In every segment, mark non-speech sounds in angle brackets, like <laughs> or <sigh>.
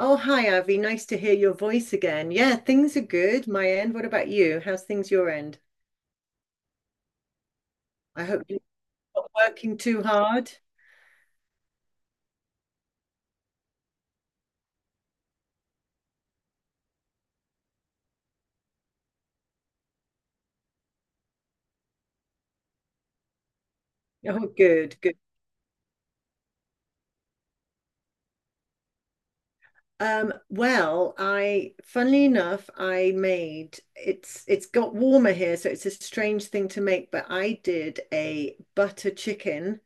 Oh, hi, Avi. Nice to hear your voice again. Yeah, things are good, my end. What about you? How's things your end? I hope you're not working too hard. Oh, good, good. Well, I, funnily enough, I made it's got warmer here, so it's a strange thing to make, but I did a butter chicken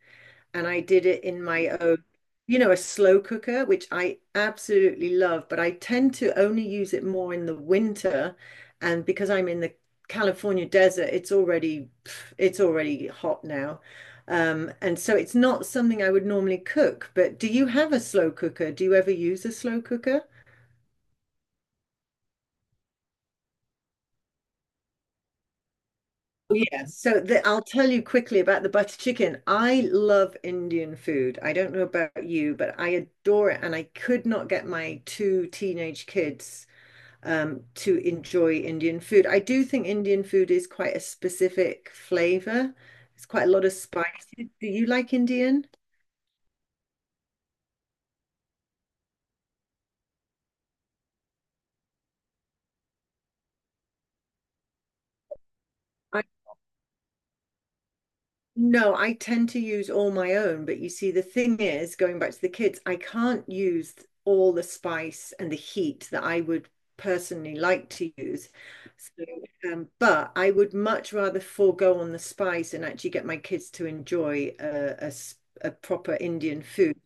and I did it in my own, you know, a slow cooker, which I absolutely love, but I tend to only use it more in the winter. And because I'm in the California desert, it's already hot now. And so it's not something I would normally cook, but do you have a slow cooker? Do you ever use a slow cooker? Yeah, so I'll tell you quickly about the butter chicken. I love Indian food. I don't know about you, but I adore it. And I could not get my two teenage kids to enjoy Indian food. I do think Indian food is quite a specific flavor. It's quite a lot of spices. Do you like Indian? No, I tend to use all my own, but you see, the thing is, going back to the kids, I can't use all the spice and the heat that I would personally like to use. So, but I would much rather forego on the spice and actually get my kids to enjoy a proper Indian food.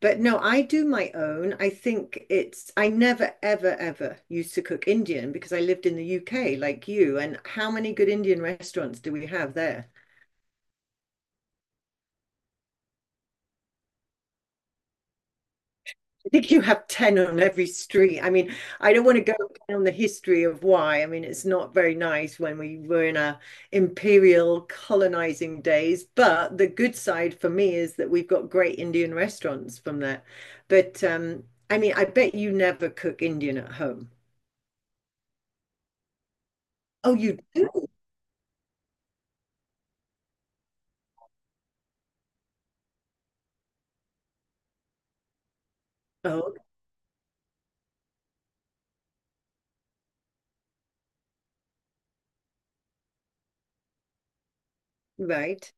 But no, I do my own. I think I never, ever, ever used to cook Indian because I lived in the UK like you. And how many good Indian restaurants do we have there? I think you have 10 on every street. I mean, I don't want to go down the history of why. I mean, it's not very nice when we were in our imperial colonizing days, but the good side for me is that we've got great Indian restaurants from that. But I mean, I bet you never cook Indian at home. Oh, you do? Oh, right.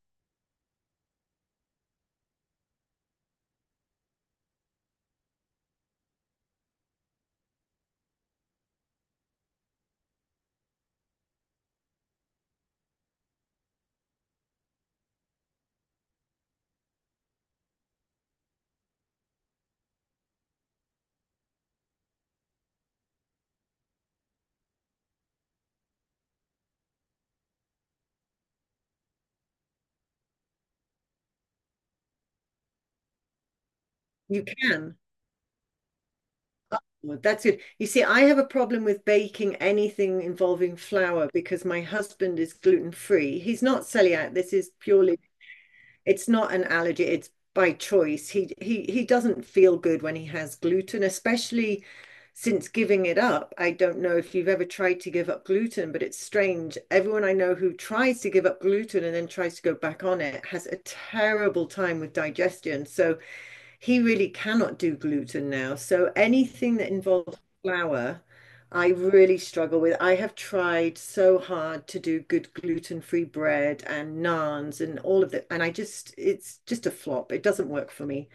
You can. Well, that's good. You see, I have a problem with baking anything involving flour because my husband is gluten free. He's not celiac. This is purely it's not an allergy, it's by choice. He doesn't feel good when he has gluten, especially since giving it up. I don't know if you've ever tried to give up gluten, but it's strange. Everyone I know who tries to give up gluten and then tries to go back on it has a terrible time with digestion. So he really cannot do gluten now. So anything that involves flour, I really struggle with. I have tried so hard to do good gluten-free bread and naans and all of that, and I just it's just a flop. It doesn't work for me.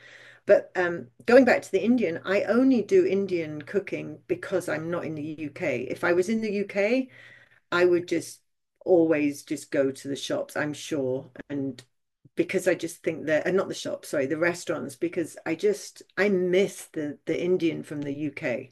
But going back to the Indian, I only do Indian cooking because I'm not in the UK. If I was in the UK, I would just always just go to the shops, I'm sure. And because I just think that, and not the shops, sorry, the restaurants, because I miss the Indian from the UK.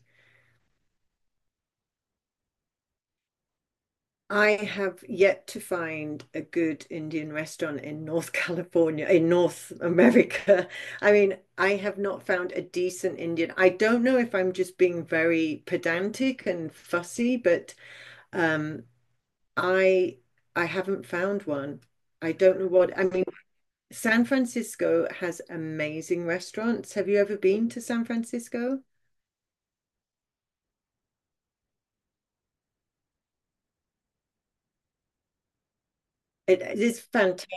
I have yet to find a good Indian restaurant in North <laughs> California, in North America. I mean, I have not found a decent Indian. I don't know if I'm just being very pedantic and fussy, but um, I haven't found one. I don't know what, I mean, San Francisco has amazing restaurants. Have you ever been to San Francisco? It is fantastic.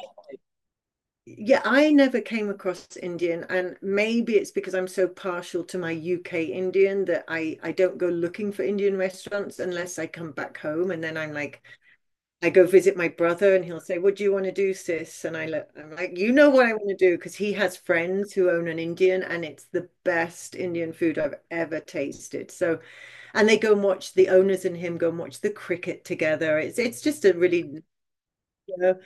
Yeah, I never came across Indian, and maybe it's because I'm so partial to my UK Indian that I don't go looking for Indian restaurants unless I come back home, and then I'm like, I go visit my brother and he'll say, "What do you want to do, sis?" And I look, I'm like, "You know what I want to do?" Because he has friends who own an Indian and it's the best Indian food I've ever tasted. So, and they go and watch the owners and him go and watch the cricket together. It's just a really, you know,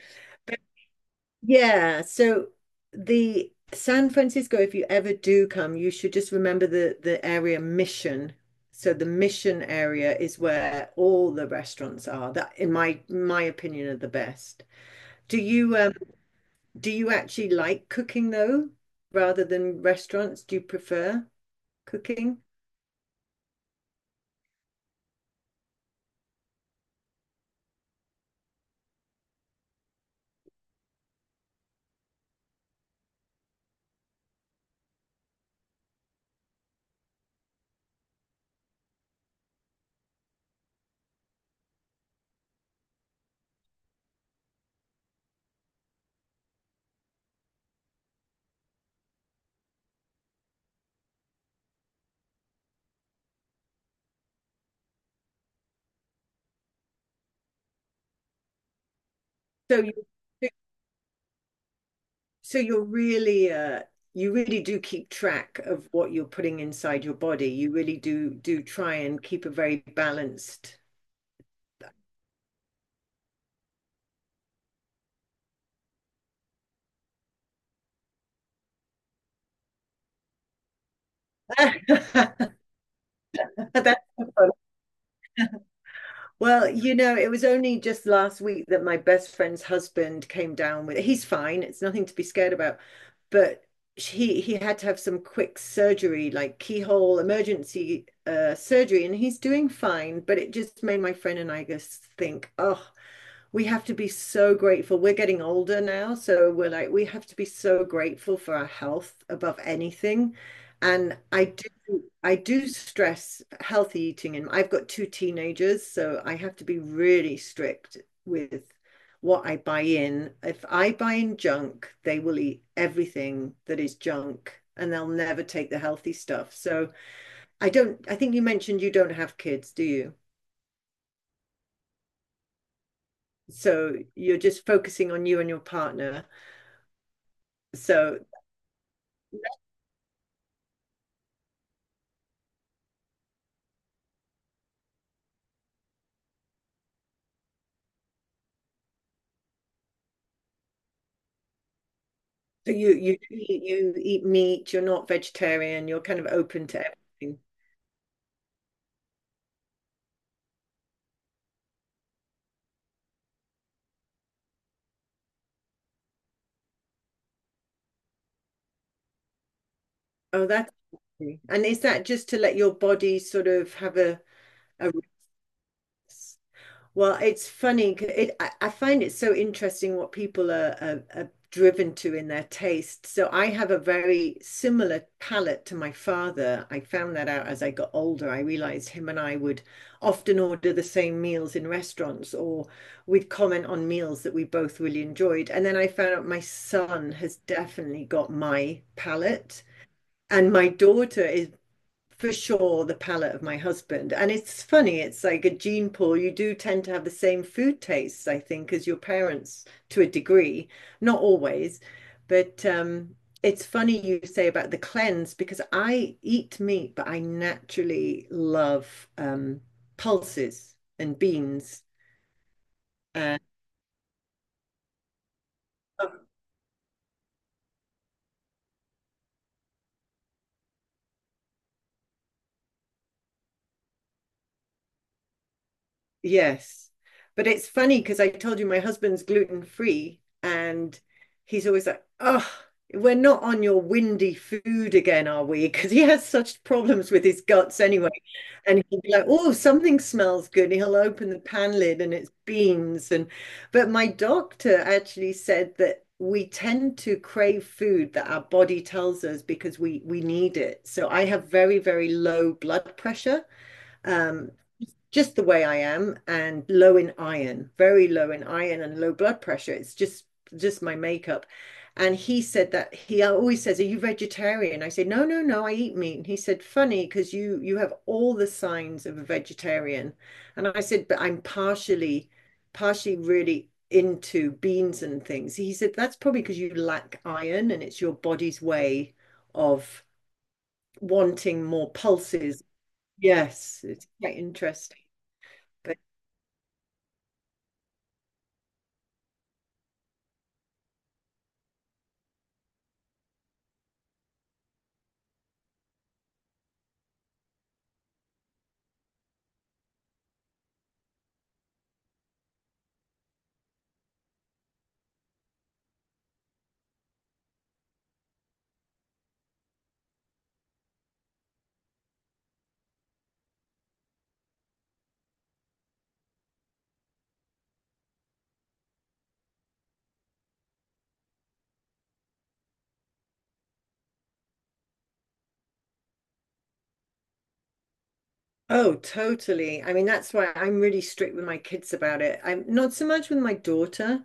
yeah. So the San Francisco, if you ever do come, you should just remember the area Mission. So the Mission area is where all the restaurants are that, in my opinion, are the best. Do you do you actually like cooking though, rather than restaurants? Do you prefer cooking? So you're really you really do keep track of what you're putting inside your body. You really do try and keep a very balanced. <laughs> that's well, you know, it was only just last week that my best friend's husband came down with he's fine. It's nothing to be scared about. But he had to have some quick surgery, like keyhole emergency surgery, and he's doing fine. But it just made my friend and I just think, oh, we have to be so grateful. We're getting older now, so we're like, we have to be so grateful for our health above anything. And I do stress healthy eating, and I've got two teenagers, so I have to be really strict with what I buy in. If I buy in junk, they will eat everything that is junk, and they'll never take the healthy stuff. So I don't, I think you mentioned you don't have kids, do you? So you're just focusing on you and your partner. So so you you you eat meat, you're not vegetarian, you're kind of open to everything. Oh, that's interesting. And is that just to let your body sort of have a rest? Well, it's funny, 'cause I find it so interesting what people are driven to in their taste. So I have a very similar palate to my father. I found that out as I got older. I realized him and I would often order the same meals in restaurants, or we'd comment on meals that we both really enjoyed. And then I found out my son has definitely got my palate. And my daughter is for sure the palate of my husband. And it's funny, it's like a gene pool. You do tend to have the same food tastes, I think, as your parents to a degree, not always, but it's funny you say about the cleanse because I eat meat, but I naturally love pulses and beans. And yes. But it's funny because I told you my husband's gluten free and he's always like, oh, we're not on your windy food again, are we? <laughs> Because he has such problems with his guts anyway. And he'll be like, oh, something smells good. And he'll open the pan lid and it's beans. And but my doctor actually said that we tend to crave food that our body tells us because we need it. So I have very, very low blood pressure. Um, just the way I am and low in iron, very low in iron and low blood pressure. It's just my makeup. And he said that he always says, "Are you vegetarian?" I said, "No, no, no. I eat meat." And he said, "Funny, because you have all the signs of a vegetarian." And I said, "But I'm partially, partially really into beans and things." He said, "That's probably because you lack iron, and it's your body's way of wanting more pulses." Yes, it's quite interesting. But oh, totally. I mean, that's why I'm really strict with my kids about it. I'm not so much with my daughter.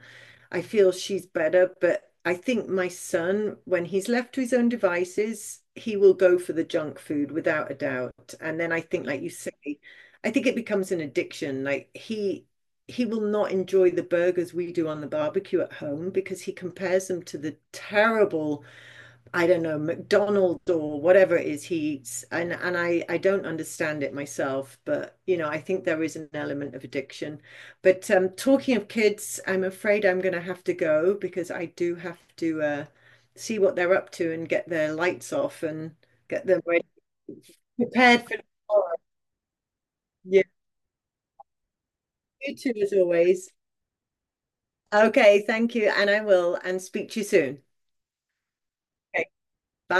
I feel she's better, but I think my son, when he's left to his own devices, he will go for the junk food without a doubt. And then I think, like you say, I think it becomes an addiction. Like he will not enjoy the burgers we do on the barbecue at home because he compares them to the terrible I don't know, McDonald's or whatever it is he eats. And I don't understand it myself, but you know, I think there is an element of addiction. But talking of kids, I'm afraid I'm gonna have to go because I do have to see what they're up to and get their lights off and get them ready, prepared for tomorrow. Yeah, you too, as always. Okay, thank you, and I will, and speak to you soon. Okay, bye.